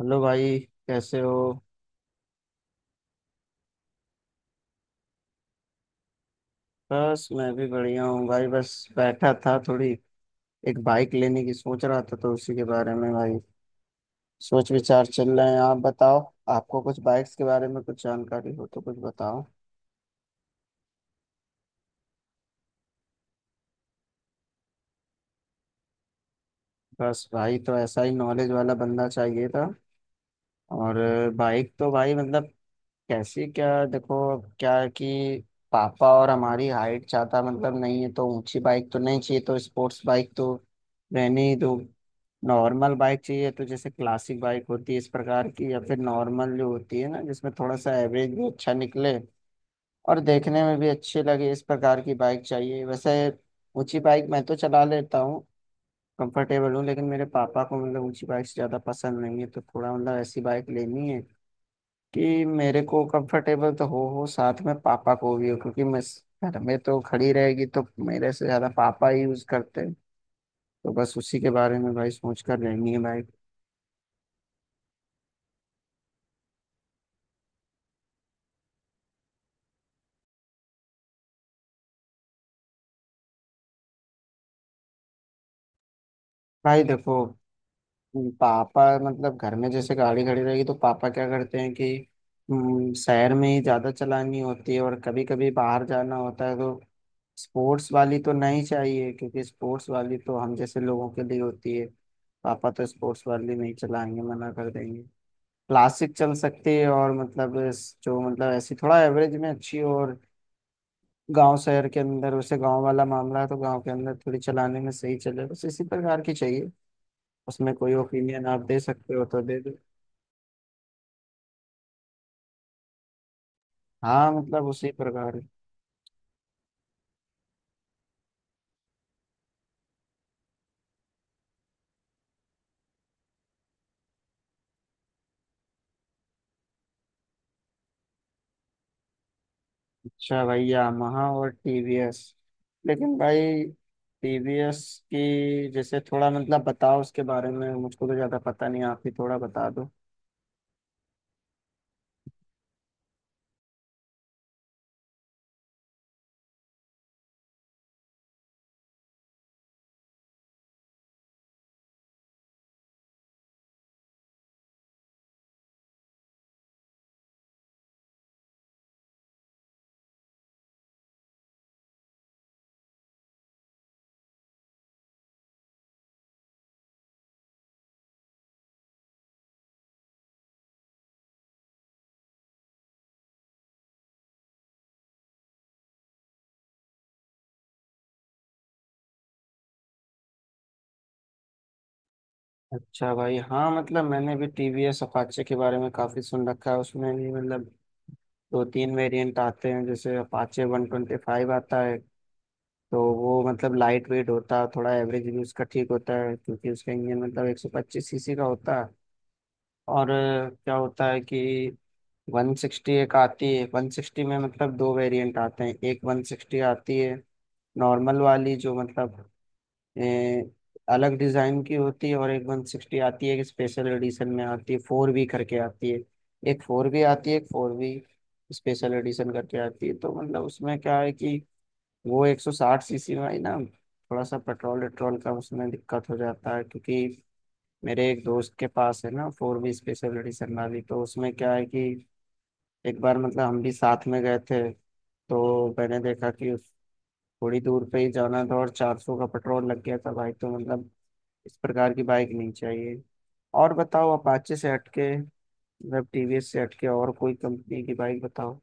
Hello भाई। कैसे हो? बस मैं भी बढ़िया हूँ भाई, बस बैठा था, थोड़ी एक बाइक लेने की सोच रहा था तो उसी के बारे में भाई सोच विचार चल रहे हैं। आप बताओ, आपको कुछ बाइक्स के बारे में कुछ जानकारी हो तो कुछ बताओ। बस भाई, तो ऐसा ही नॉलेज वाला बंदा चाहिए था। और बाइक तो भाई मतलब कैसे, क्या देखो, क्या है कि पापा और हमारी हाइट ज्यादा मतलब नहीं है, तो ऊंची बाइक तो नहीं चाहिए, तो स्पोर्ट्स बाइक तो रहने ही दो। नॉर्मल बाइक चाहिए, तो जैसे क्लासिक बाइक होती है इस प्रकार की, या फिर नॉर्मल जो होती है ना, जिसमें थोड़ा सा एवरेज भी अच्छा निकले और देखने में भी अच्छी लगे, इस प्रकार की बाइक चाहिए वैसे। ऊंची बाइक मैं तो चला लेता हूँ, कंफर्टेबल हूँ, लेकिन मेरे पापा को मतलब ऊंची बाइक से ज़्यादा पसंद नहीं है, तो थोड़ा मतलब ऐसी बाइक लेनी है कि मेरे को कंफर्टेबल तो हो, साथ में पापा को भी हो, क्योंकि मैं घर में तो खड़ी रहेगी तो मेरे से ज्यादा पापा ही यूज करते हैं। तो बस उसी के बारे में भाई सोच कर रहनी है भाई। भाई देखो, पापा मतलब घर में जैसे गाड़ी खड़ी रहेगी तो पापा क्या करते हैं कि शहर में ही ज्यादा चलानी होती है और कभी कभी बाहर जाना होता है, तो स्पोर्ट्स वाली तो नहीं चाहिए, क्योंकि स्पोर्ट्स वाली तो हम जैसे लोगों के लिए होती है। पापा तो स्पोर्ट्स वाली नहीं चलाएंगे, मना कर देंगे। क्लासिक चल सकती है, और मतलब जो मतलब ऐसी थोड़ा एवरेज में अच्छी हो और गांव शहर के अंदर, वैसे गांव वाला मामला है तो गांव के अंदर थोड़ी चलाने में सही चले, बस इसी प्रकार की चाहिए। उसमें कोई ओपिनियन आप दे सकते हो तो दे दो। हाँ मतलब उसी प्रकार। अच्छा भाई, यामाहा और टीवीएस, लेकिन भाई टीवीएस की जैसे थोड़ा मतलब बताओ उसके बारे में, मुझको तो ज्यादा पता नहीं, आप ही थोड़ा बता दो। अच्छा भाई, हाँ मतलब मैंने भी टीवीएस अपाचे के बारे में काफी सुन रखा है। उसमें भी मतलब दो तीन वेरिएंट आते हैं, जैसे अपाचे 125 आता है, तो वो मतलब लाइट वेट होता है, थोड़ा एवरेज भी उसका ठीक होता है क्योंकि उसका इंजन मतलब 125 सीसी का होता है। और क्या होता है कि 160 एक आती है, 160 में मतलब दो वेरिएंट आते हैं, एक 160 आती है नॉर्मल वाली जो मतलब ए, अलग डिजाइन की होती है, और एक 160 आती है, एक स्पेशल एडिशन में आती है, फोर बी करके आती है। एक फोर बी आती है, एक फोर बी स्पेशल एडिशन करके आती है, तो मतलब उसमें क्या है कि वो 160 सीसी में आई ना, थोड़ा सा पेट्रोल वेट्रोल का उसमें दिक्कत हो जाता है, क्योंकि मेरे एक दोस्त के पास है ना फोर बी स्पेशल एडिशन वाली, तो उसमें क्या है कि एक बार मतलब हम भी साथ में गए थे, तो मैंने देखा कि थोड़ी दूर पे ही जाना था और 400 का पेट्रोल लग गया था भाई, तो मतलब इस प्रकार की बाइक नहीं चाहिए। और बताओ अपाचे से हटके, मतलब टीवीएस से हटके और कोई कंपनी की बाइक बताओ।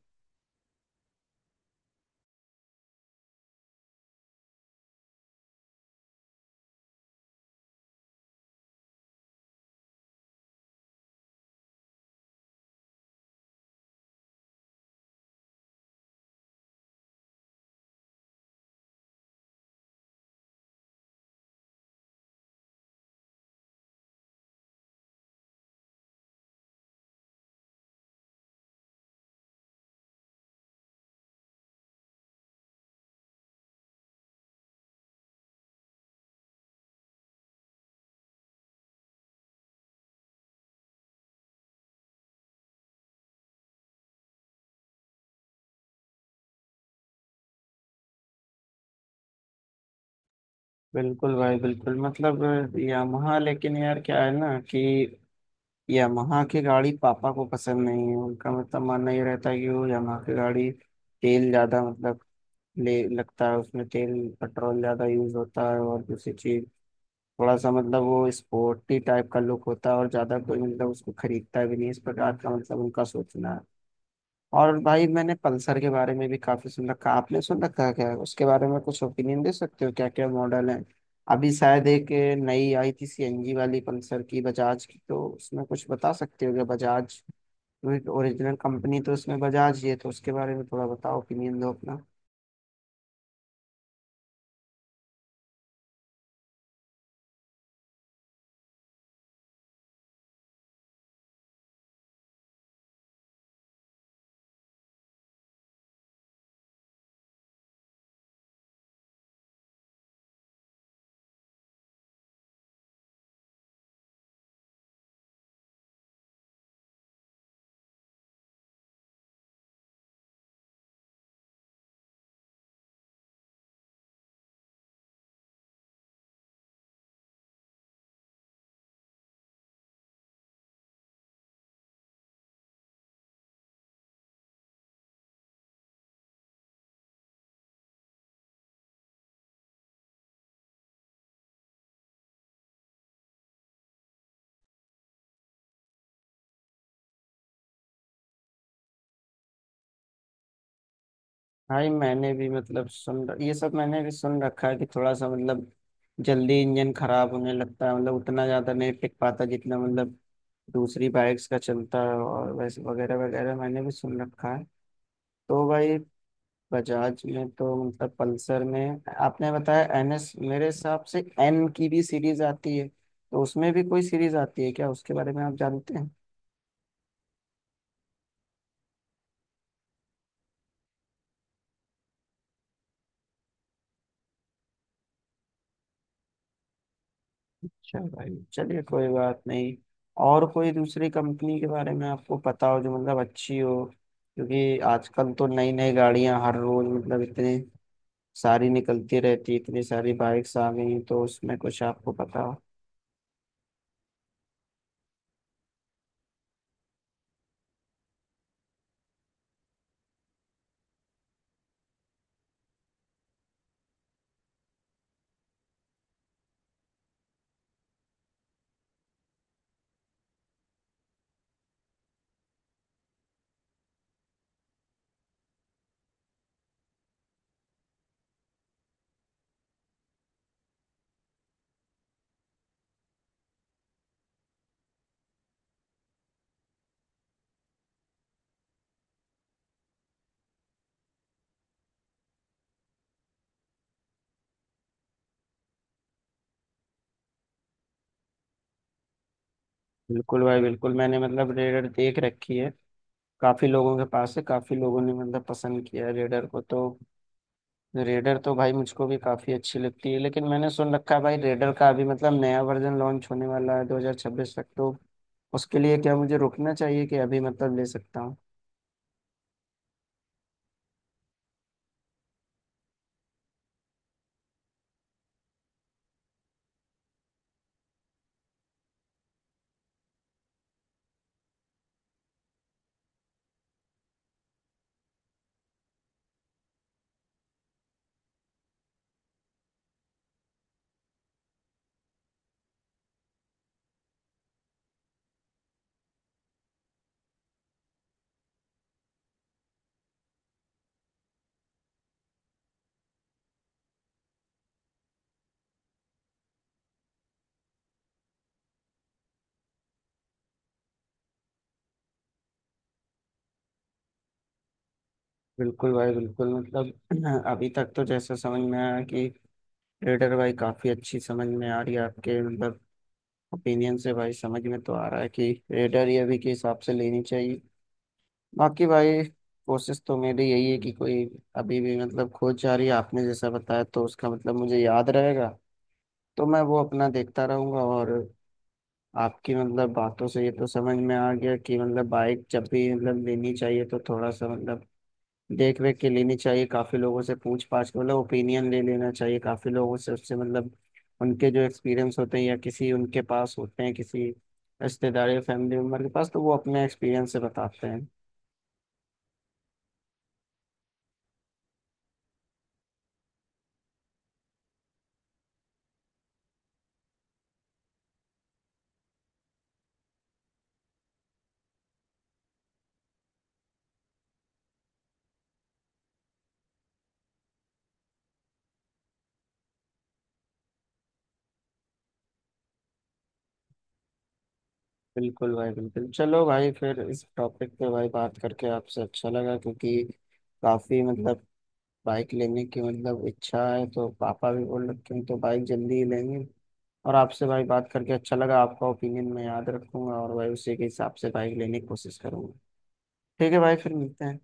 बिल्कुल भाई बिल्कुल, मतलब यामाहा, लेकिन यार क्या है ना कि यामाहा की गाड़ी पापा को पसंद नहीं है। उनका मतलब मानना ये रहता है कि वो यामाहा की गाड़ी तेल ज़्यादा मतलब ले लगता है उसमें तेल, पेट्रोल ज़्यादा यूज होता है, और दूसरी चीज थोड़ा सा मतलब वो स्पोर्टी टाइप का लुक होता है, और ज़्यादा कोई मतलब उसको खरीदता भी नहीं, इस प्रकार का मतलब उनका सोचना है। और भाई मैंने पल्सर के बारे में भी काफी सुन रखा, आपने सुन रखा है क्या उसके बारे में? कुछ ओपिनियन दे सकते हो, क्या क्या मॉडल है? अभी शायद एक नई आई थी सीएनजी वाली पल्सर की, बजाज की, तो उसमें कुछ बता सकते हो क्या? बजाज ओरिजिनल कंपनी तो उसमें बजाज ही है, तो उसके बारे में थोड़ा बताओ, ओपिनियन दो अपना। भाई मैंने भी मतलब ये सब मैंने भी सुन रखा है कि थोड़ा सा मतलब जल्दी इंजन खराब होने लगता है, मतलब उतना ज्यादा नहीं टिक पाता जितना मतलब दूसरी बाइक्स का चलता है, और वैसे वगैरह वगैरह मैंने भी सुन रखा है। तो भाई बजाज में तो मतलब पल्सर में आपने बताया एनएस, मेरे हिसाब से एन की भी सीरीज आती है, तो उसमें भी कोई सीरीज आती है क्या, उसके बारे में आप जानते हैं? अच्छा भाई, चलिए कोई बात नहीं। और कोई दूसरी कंपनी के बारे में आपको पता हो जो मतलब अच्छी हो, क्योंकि आजकल तो नई नई गाड़ियां हर रोज मतलब इतनी सारी निकलती रहती है, इतनी सारी बाइक्स आ गई हैं, तो उसमें कुछ आपको पता हो। बिल्कुल भाई बिल्कुल, मैंने मतलब रेडर देख रखी है, काफी लोगों के पास है, काफी लोगों ने मतलब पसंद किया है रेडर को, तो रेडर तो भाई मुझको भी काफी अच्छी लगती है, लेकिन मैंने सुन रखा है भाई रेडर का अभी मतलब नया वर्जन लॉन्च होने वाला है 2026 तक, तो उसके लिए क्या मुझे रुकना चाहिए कि अभी मतलब ले सकता हूँ? बिल्कुल भाई बिल्कुल मतलब अभी तक तो जैसा समझ में आया कि रेडर भाई काफी अच्छी समझ में आ रही है, आपके मतलब ओपिनियन से भाई समझ में तो आ रहा है कि रेडर ही अभी के हिसाब से लेनी चाहिए। बाकी भाई कोशिश तो मेरी यही है कि कोई, अभी भी मतलब खोज जारी है, आपने जैसा बताया तो उसका मतलब मुझे याद रहेगा, तो मैं वो अपना देखता रहूंगा। और आपकी मतलब बातों से ये तो समझ में आ गया कि मतलब बाइक जब भी मतलब लेनी चाहिए तो थोड़ा सा मतलब देख रेख के लेनी चाहिए, काफी लोगों से पूछ पाछ के मतलब ओपिनियन ले लेना चाहिए, काफी लोगों से उससे मतलब उनके जो एक्सपीरियंस होते हैं, या किसी उनके पास होते हैं किसी रिश्तेदार या फैमिली मेम्बर के पास, तो वो अपने एक्सपीरियंस से बताते हैं। बिल्कुल भाई बिल्कुल, चलो भाई। फिर इस टॉपिक पे भाई बात करके आपसे अच्छा लगा, क्योंकि काफी मतलब बाइक लेने की मतलब इच्छा है, तो पापा भी बोल रखे हैं तो बाइक जल्दी ही लेंगे। और आपसे भाई बात करके अच्छा लगा, आपका ओपिनियन मैं याद रखूंगा, और भाई उसी के हिसाब से बाइक लेने की कोशिश करूंगा। ठीक है भाई, फिर मिलते हैं।